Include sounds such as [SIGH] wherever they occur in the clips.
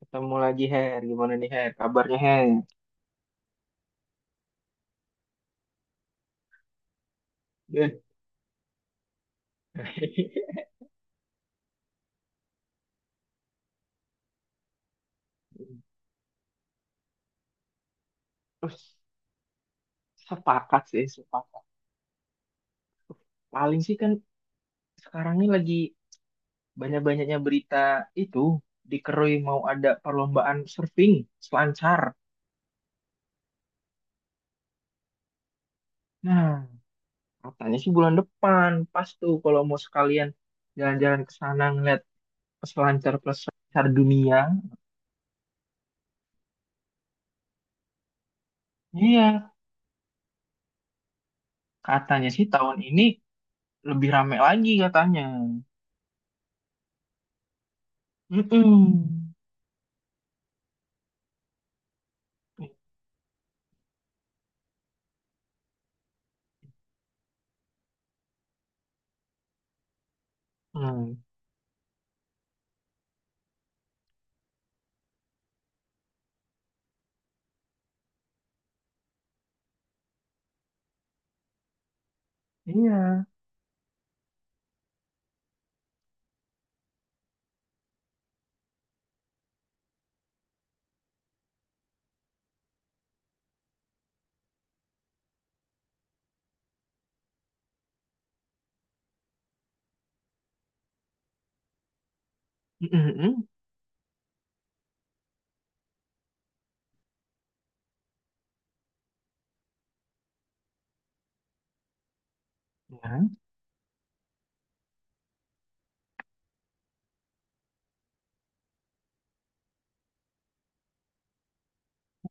Ketemu lagi, Her. Gimana nih, Her? Kabarnya, Her? Good. [LAUGHS] Terus, sepakat sih, sepakat. Paling sih kan sekarang ini lagi banyak-banyaknya berita itu. Dikerui mau ada perlombaan surfing, selancar. Nah, katanya sih bulan depan. Pas tuh kalau mau sekalian jalan-jalan ke sana ngeliat peselancar peselancar dunia. Iya, katanya sih tahun ini lebih rame lagi katanya. Mm-mm. Mm. Iya. Mm-mm, mm. Ya.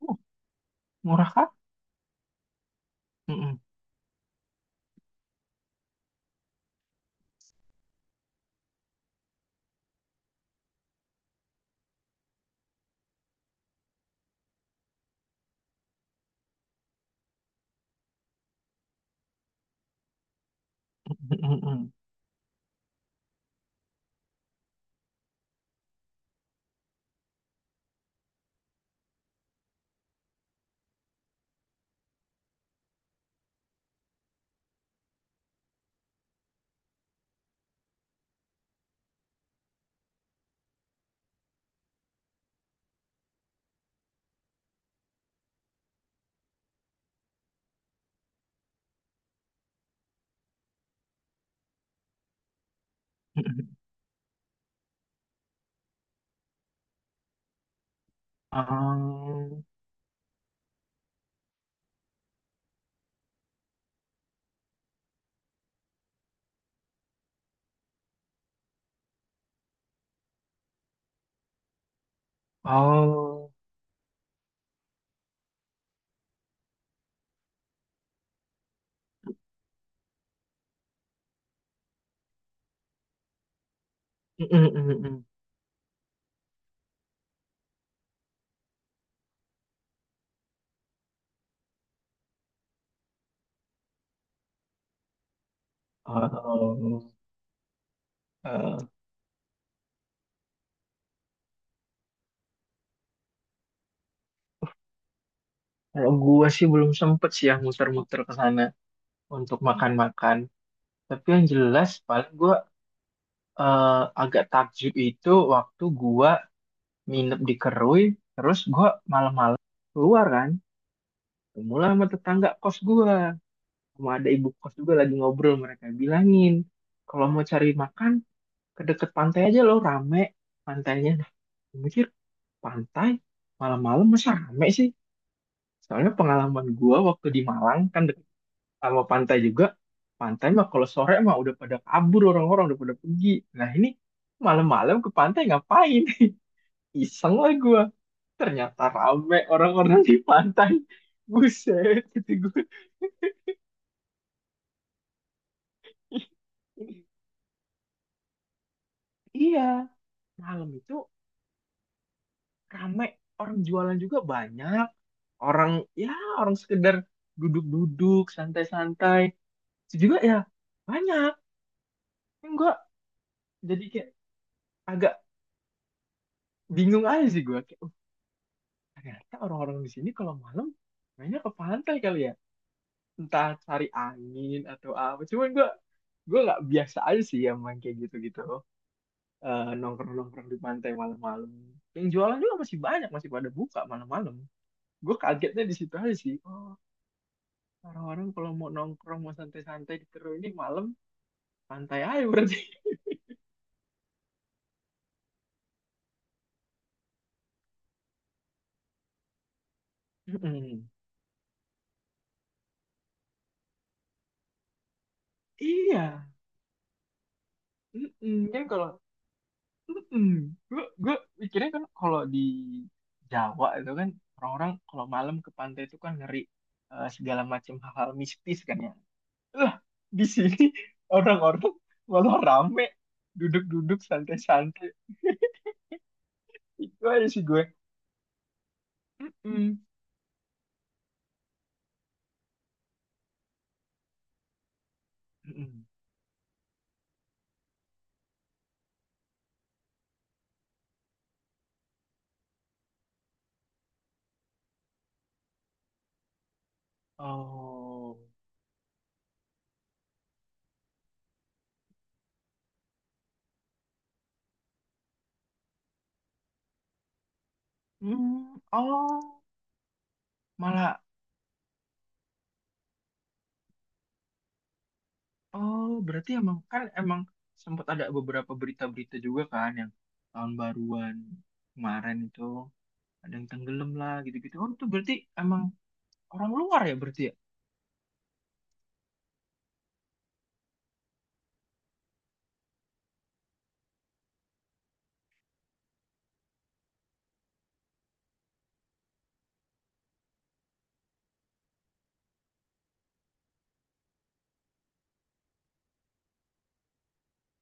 Oh, murah kah? Mm-mm, [LAUGHS] mm-mm, mm-mm, mm-mm. Um, oh. Mm-mm, mm-mm. Oh, eh, kalau gua sih belum sempet sih ya muter-muter ke sana untuk makan-makan. Tapi yang jelas paling gua eh, agak takjub itu waktu gua nginep di Kerui, terus gua malam-malam keluar kan, mula sama tetangga kos gua, sama ada ibu kos juga lagi ngobrol, mereka bilangin kalau mau cari makan ke deket pantai aja, loh rame pantainya. Nah, gue mikir, pantai malam-malam masa rame sih? Soalnya pengalaman gua waktu di Malang kan deket sama pantai juga, pantai mah kalau sore mah udah pada kabur, orang-orang udah pada pergi. Nah, ini malam-malam ke pantai ngapain? [LAUGHS] Iseng lah gua, ternyata rame orang-orang di pantai, buset gitu gue. Iya, malam itu rame, orang jualan juga banyak, orang, ya, orang sekedar duduk-duduk santai-santai itu juga ya banyak. Yang gue jadi kayak agak bingung aja sih gue, kayak, "Oh, ternyata orang-orang di sini kalau malam mainnya ke pantai kali ya, entah cari angin atau apa." Cuman gue nggak biasa aja sih yang main kayak gitu-gitu, eh, nongkrong-nongkrong di pantai malam-malam. Yang jualan juga masih banyak, masih pada buka malam-malam. Gue kagetnya di situ aja sih. Oh, orang-orang kalau mau nongkrong, mau santai-santai di, terus ini malam, pantai aja berarti. [LAUGHS] Mm-mm. Iya. Mm-mm. Kan kalau mm. Gue pikirnya kan kalau di Jawa itu kan orang-orang kalau malam ke pantai itu kan ngeri, eh, segala macam hal-hal mistis kan ya. Lah, di sini [LAUGHS] orang-orang malah rame duduk-duduk santai-santai. Itu aja sih gue. Mm-mm. Mm-mm. Oh. Mm, oh, malah. Oh, berarti emang, kan, emang sempat ada beberapa berita-berita juga kan yang tahun baruan kemarin itu ada yang tenggelam lah gitu-gitu. Oh, itu berarti emang orang luar ya berarti ya?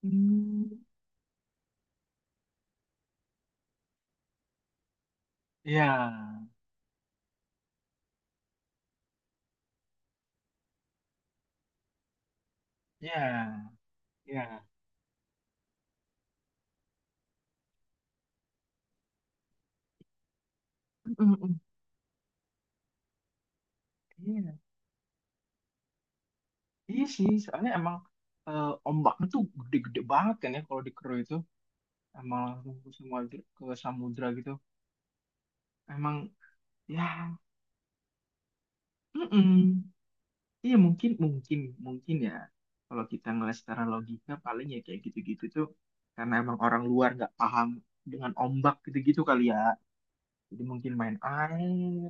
Hmm, ya, ya, ya. Mm, mm, iya, iya sih. Soalnya emang eh, ombaknya tuh gede-gede banget kan ya kalau di Kero itu, emang langsung ke semua, ke samudra gitu. Emang ya, mm-mm. Iya mungkin mungkin mungkin ya, kalau kita ngeliat secara logika paling ya kayak gitu-gitu tuh karena emang orang luar nggak paham dengan ombak gitu-gitu kali ya, jadi mungkin main air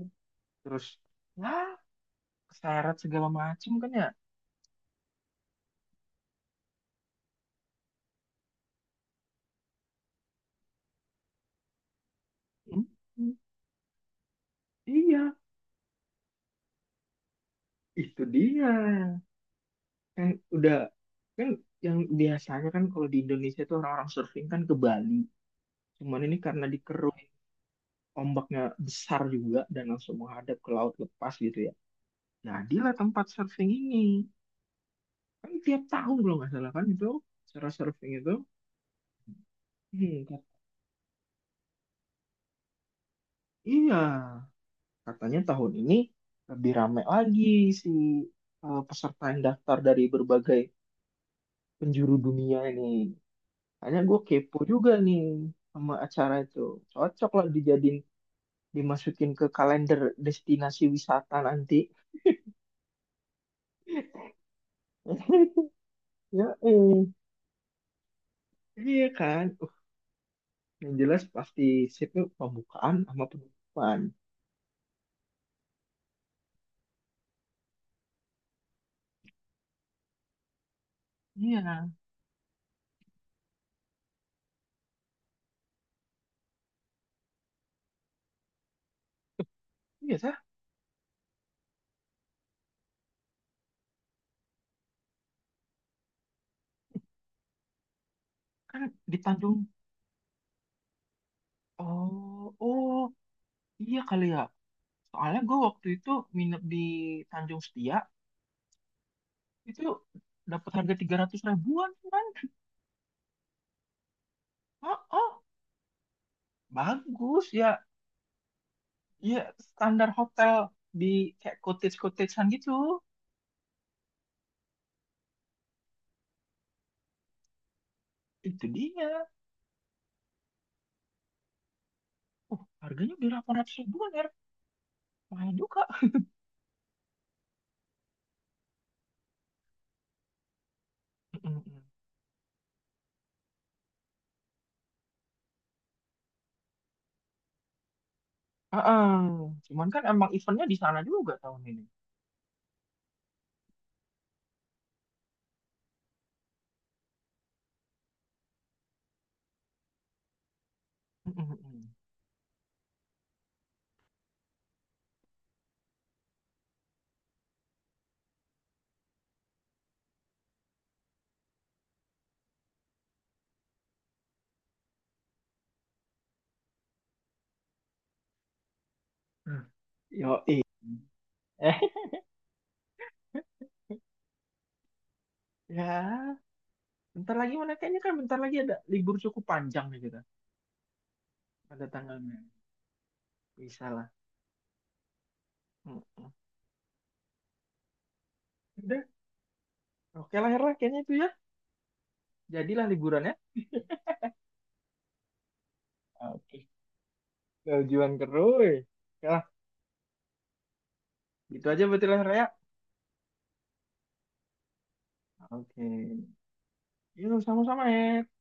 terus ya keseret segala macem kan ya. Hmm, iya. Itu dia kan, udah kan, yang biasanya kan kalau di Indonesia tuh orang-orang surfing kan ke Bali, cuman ini karena dikeruk ombaknya besar juga dan langsung menghadap ke laut lepas gitu ya, jadilah tempat surfing ini. Kan tiap tahun kalau nggak salah kan itu acara surfing itu. Hmm, iya, katanya tahun ini lebih ramai lagi si eh, peserta yang daftar dari berbagai penjuru dunia ini. Hanya gue kepo juga nih sama acara itu. Cocok lah dijadiin, dimasukin ke kalender destinasi wisata nanti. [LAUGHS] Ya, eh. Iya kan? Yang jelas pasti sipnya pembukaan sama penutupan. Iya, iya sah. Kan di Tanjung, oh, oh, iya kali ya. Soalnya gue waktu itu nginep di Tanjung Setia, itu dapat harga 300 ribuan kan. Oh, oh, bagus ya. Ya, standar hotel di kayak cottage-cottagean gitu. Itu dia. Oh, harganya di ratus ribuan ya. Mahal juga. Mm-mm. Heeh. Cuman kan emang eventnya di sana juga tahun ini. Mm-mm. Hmm. Yoi. Eh, [LAUGHS] ya. Bentar lagi mana kayaknya kan bentar lagi ada libur cukup panjang nih kita pada tanggalnya. Bisa lah. Mm-mm. Udah, oke lah Her lah kayaknya itu ya. Jadilah liburannya. Oke, tujuan keruy. Oke lah, gitu aja berarti lah Her ya. Oke, yuk sama-sama ya.